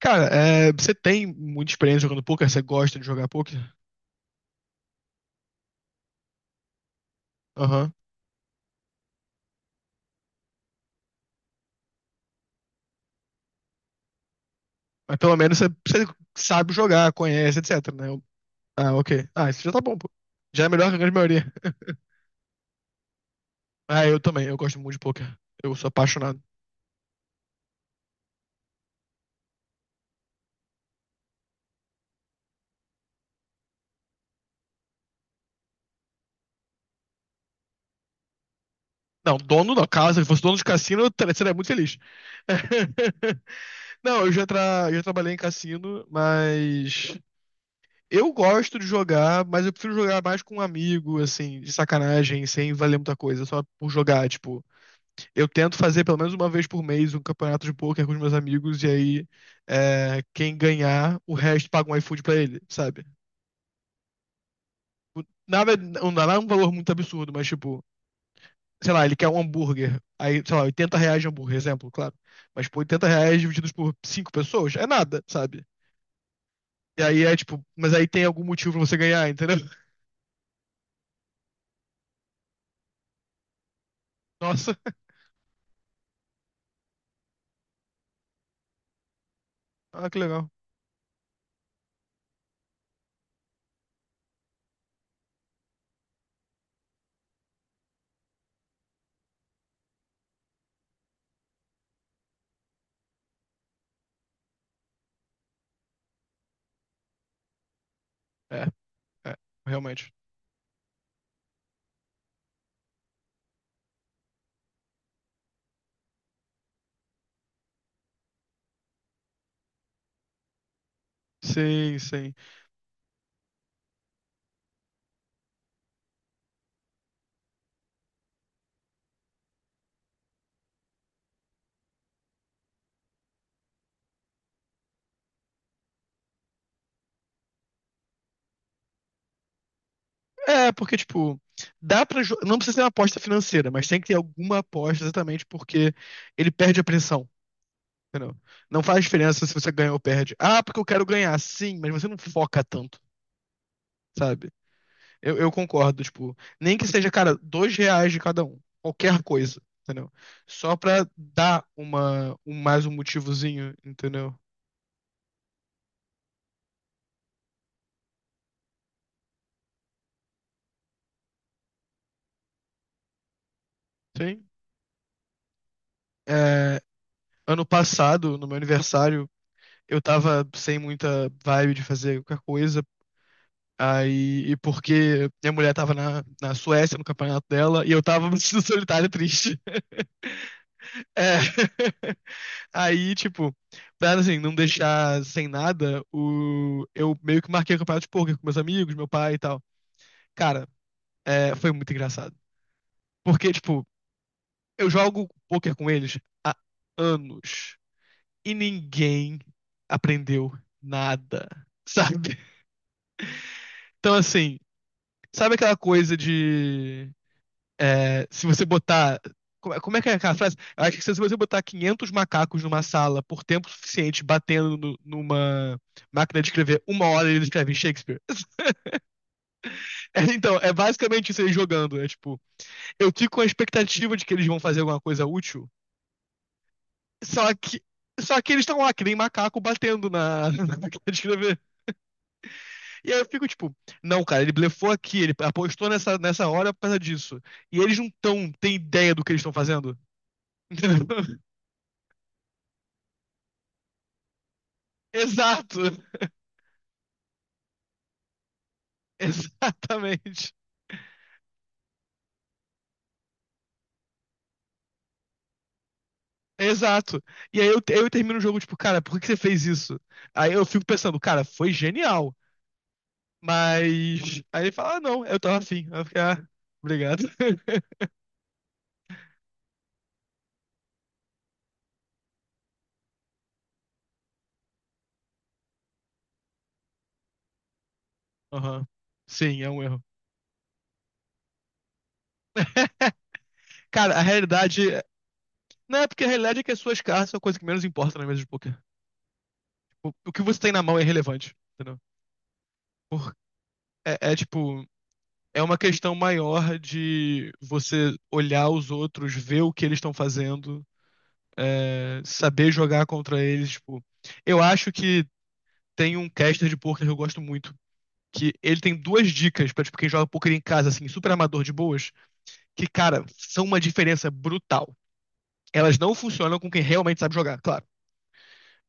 Cara, você tem muita experiência jogando poker, você gosta de jogar poker? Aham. Mas pelo menos você sabe jogar, conhece, etc, né? Ah, ok. Ah, isso já tá bom, pô. Já é melhor que a grande maioria. Ah, eu também, eu gosto muito de poker. Eu sou apaixonado. Não, dono da casa, se fosse dono de cassino, eu seria muito feliz. Não, eu já, já trabalhei em cassino, mas eu gosto de jogar, mas eu prefiro jogar mais com um amigo, assim, de sacanagem, sem valer muita coisa, só por jogar, tipo. Eu tento fazer pelo menos uma vez por mês um campeonato de poker com os meus amigos, e aí quem ganhar, o resto paga um iFood pra ele, sabe? Nada, não dá um valor muito absurdo, mas tipo, sei lá, ele quer um hambúrguer, aí, sei lá, R$ 80 de hambúrguer, exemplo, claro. Mas, pô, R$ 80 divididos por cinco pessoas é nada, sabe? E aí é tipo, mas aí tem algum motivo pra você ganhar, entendeu? Nossa, ah, que legal. É, é, realmente. Sim, sim. É, porque, tipo, Não precisa ser uma aposta financeira, mas tem que ter alguma aposta exatamente porque ele perde a pressão. Entendeu? Não faz diferença se você ganha ou perde. Ah, porque eu quero ganhar, sim, mas você não foca tanto, sabe? Eu concordo, tipo, nem que seja, cara, R$ 2 de cada um, qualquer coisa, entendeu? Só pra dar mais um motivozinho, entendeu? Sim. É, ano passado, no meu aniversário, eu tava sem muita vibe de fazer qualquer coisa. Aí, e porque minha mulher tava na Suécia, no campeonato dela, e eu tava me sentindo solitário e triste. É. Aí, tipo, pra assim, não deixar sem nada, eu meio que marquei o campeonato de poker com meus amigos, meu pai e tal. Cara, foi muito engraçado. Porque, tipo, eu jogo poker com eles há anos e ninguém aprendeu nada, sabe? Então, assim, sabe aquela coisa de É, se você botar. Como é que é aquela frase? Eu acho que se você botar 500 macacos numa sala por tempo suficiente batendo numa máquina de escrever, uma hora eles escrevem Shakespeare. É, então, é basicamente isso aí jogando. É tipo, eu fico com a expectativa de que eles vão fazer alguma coisa útil, só que. Só que eles estão lá, que nem macaco batendo na, na máquina de escrever. E aí eu fico tipo, não, cara, ele blefou aqui, ele apostou nessa hora por causa disso. E eles não tão, têm ideia do que eles estão fazendo. Entendeu? Exato. Exatamente. Exato. E aí eu termino o jogo, tipo, cara, por que que você fez isso? Aí eu fico pensando, cara, foi genial. Aí ele fala, ah, não, eu tava afim. Aí eu fico, ah, obrigado. Aham. Sim, é um erro. Cara, a realidade. Não é porque a realidade é que as suas cartas são a coisa que menos importa na mesa de poker. O que você tem na mão é irrelevante, entendeu? Por- é tipo. É uma questão maior de você olhar os outros, ver o que eles estão fazendo. Saber jogar contra eles, tipo. Eu acho que tem um caster de poker que eu gosto muito. Que ele tem duas dicas pra, tipo, quem joga poker em casa, assim, super amador de boas, que, cara, são uma diferença brutal. Elas não funcionam com quem realmente sabe jogar, claro.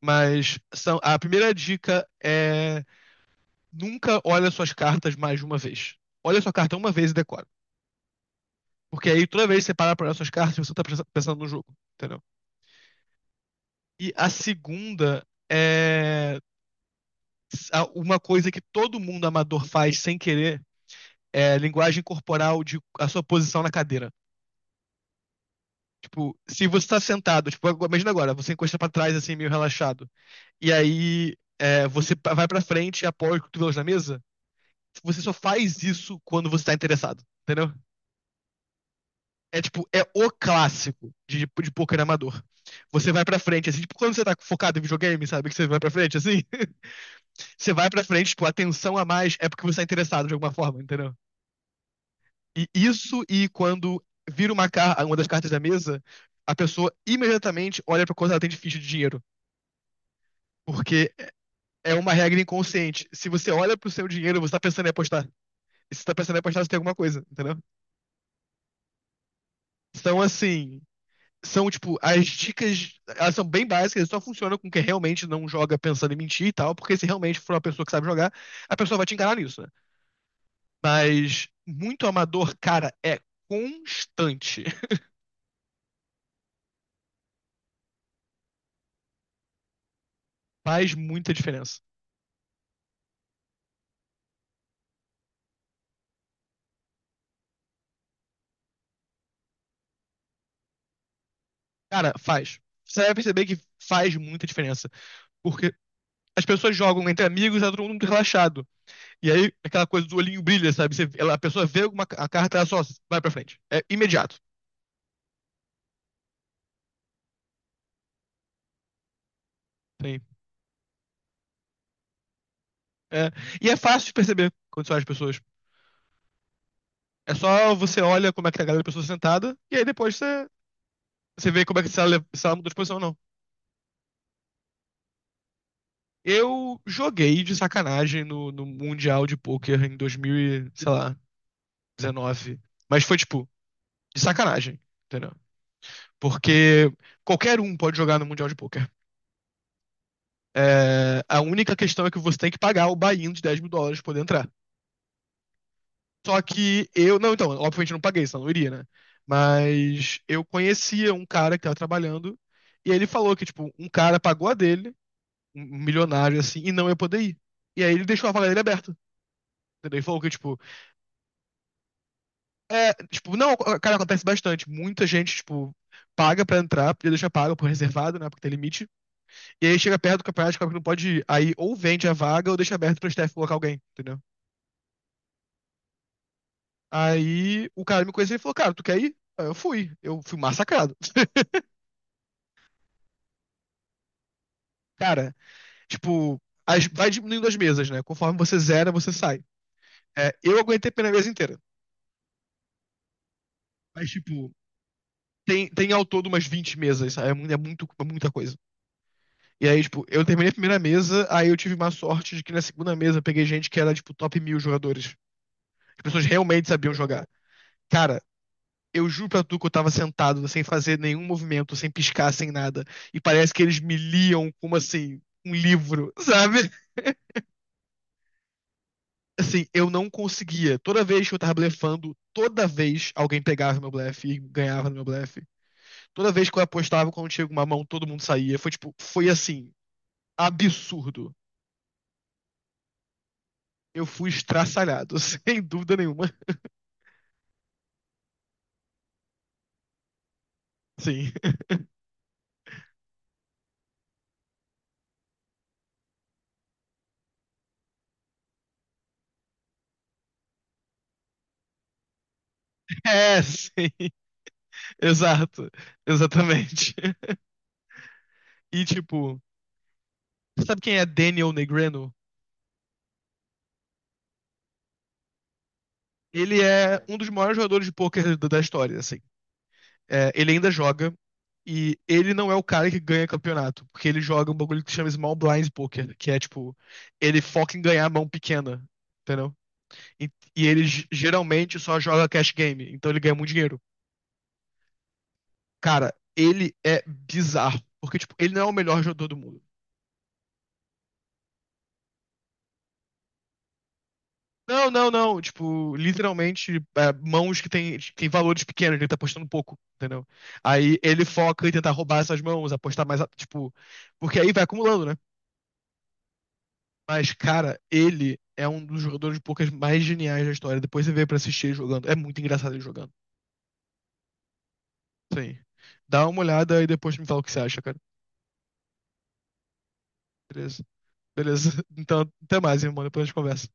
Mas são, a primeira dica é nunca olha suas cartas mais de uma vez. Olha sua carta uma vez e decora. Porque aí toda vez que você para pra olhar suas cartas, você tá pensando no jogo, entendeu? E a segunda é uma coisa que todo mundo amador faz sem querer é linguagem corporal de a sua posição na cadeira. Tipo, se você tá sentado, tipo, imagina agora, você encosta pra trás assim, meio relaxado. E aí você vai pra frente e apoia os cotovelos na mesa. Você só faz isso quando você tá interessado, entendeu? É tipo, é o clássico de poker amador. Você vai pra frente, assim, tipo, quando você tá focado em videogame, sabe? Que você vai pra frente, assim. Você vai pra frente, tipo, a atenção a mais é porque você tá interessado de alguma forma, entendeu? E isso e quando vira uma das cartas da mesa, a pessoa imediatamente olha pra quanto ela tem de ficha de dinheiro. Porque é uma regra inconsciente. Se você olha pro seu dinheiro, você tá pensando em apostar. E se você tá pensando em apostar, você tem alguma coisa, entendeu? Então, assim, são, tipo, as dicas, elas são bem básicas, só funcionam com quem realmente não joga pensando em mentir e tal, porque se realmente for uma pessoa que sabe jogar, a pessoa vai te enganar nisso, né? Mas muito amador, cara, é constante. Faz muita diferença. Cara, faz. Você vai perceber que faz muita diferença. Porque as pessoas jogam entre amigos, e tá todo mundo muito relaxado. E aí, aquela coisa do olhinho brilha, sabe? A pessoa vê alguma a carta, ela só vai pra frente. É imediato. Sim. É. E é fácil de perceber quando você olha as pessoas. É só você olha como é que tá a galera da pessoa sentada, e aí depois você vê como é que se ela mudou de posição ou não. Eu joguei de sacanagem no Mundial de Poker em 2000, e, sei lá, 19. Mas foi tipo, de sacanagem, entendeu? Porque qualquer um pode jogar no Mundial de Poker. É, a única questão é que você tem que pagar o buy-in de US$ 10.000 pra poder entrar. Só que eu. Não, então, obviamente eu não paguei, senão eu não iria, né? Mas eu conhecia um cara que tava trabalhando e ele falou que, tipo, um cara pagou a dele, um milionário assim, e não ia poder ir. E aí ele deixou a vaga dele aberta. Entendeu? Ele falou que, tipo, é, tipo, não, cara, acontece bastante. Muita gente, tipo, paga pra entrar, podia deixar pago por reservado, né? Porque tem limite. E aí chega perto do campeonato, descobre que não pode ir. Aí ou vende a vaga ou deixa aberto pro staff colocar alguém, entendeu? Aí o cara me conheceu e falou, cara, tu quer ir? Aí eu fui. Eu fui massacrado. Cara, tipo, vai diminuindo as mesas, né? Conforme você zera, você sai. É, eu aguentei pela mesa inteira. Mas, tipo, tem ao todo umas 20 mesas, sabe? É muito, é muita coisa. E aí, tipo, eu terminei a primeira mesa, aí eu tive má sorte de que na segunda mesa eu peguei gente que era, tipo, top 1.000 jogadores. As pessoas realmente sabiam jogar. Cara, eu juro pra tu que eu tava sentado, sem fazer nenhum movimento, sem piscar, sem nada. E parece que eles me liam como assim, um livro, sabe? Assim, eu não conseguia. Toda vez que eu tava blefando, toda vez alguém pegava meu blefe e ganhava no meu blefe. Toda vez que eu apostava, quando tinha uma mão, todo mundo saía. Foi tipo, foi assim, absurdo. Eu fui estraçalhado, sem dúvida nenhuma. Sim. É, sim. Exato. Exatamente. E tipo, sabe quem é Daniel Negreanu? Ele é um dos maiores jogadores de pôquer da história, assim. É, ele ainda joga e ele não é o cara que ganha campeonato, porque ele joga um bagulho que se chama Small Blind Poker, que é tipo, ele foca em ganhar a mão pequena, entendeu? E, e ele geralmente só joga cash game, então ele ganha muito dinheiro. Cara, ele é bizarro, porque tipo, ele não é o melhor jogador do mundo. Não, não, não. Tipo, literalmente, é, mãos que tem valores pequenos, ele tá apostando pouco, entendeu? Aí ele foca em tentar roubar essas mãos, apostar mais, tipo, porque aí vai acumulando, né? Mas, cara, ele é um dos jogadores de poucas mais geniais da história. Depois você vê pra assistir ele jogando. É muito engraçado ele jogando. Sim. Dá uma olhada e depois me fala o que você acha, cara. Beleza. Beleza. Então, até mais, irmão. Depois a gente conversa.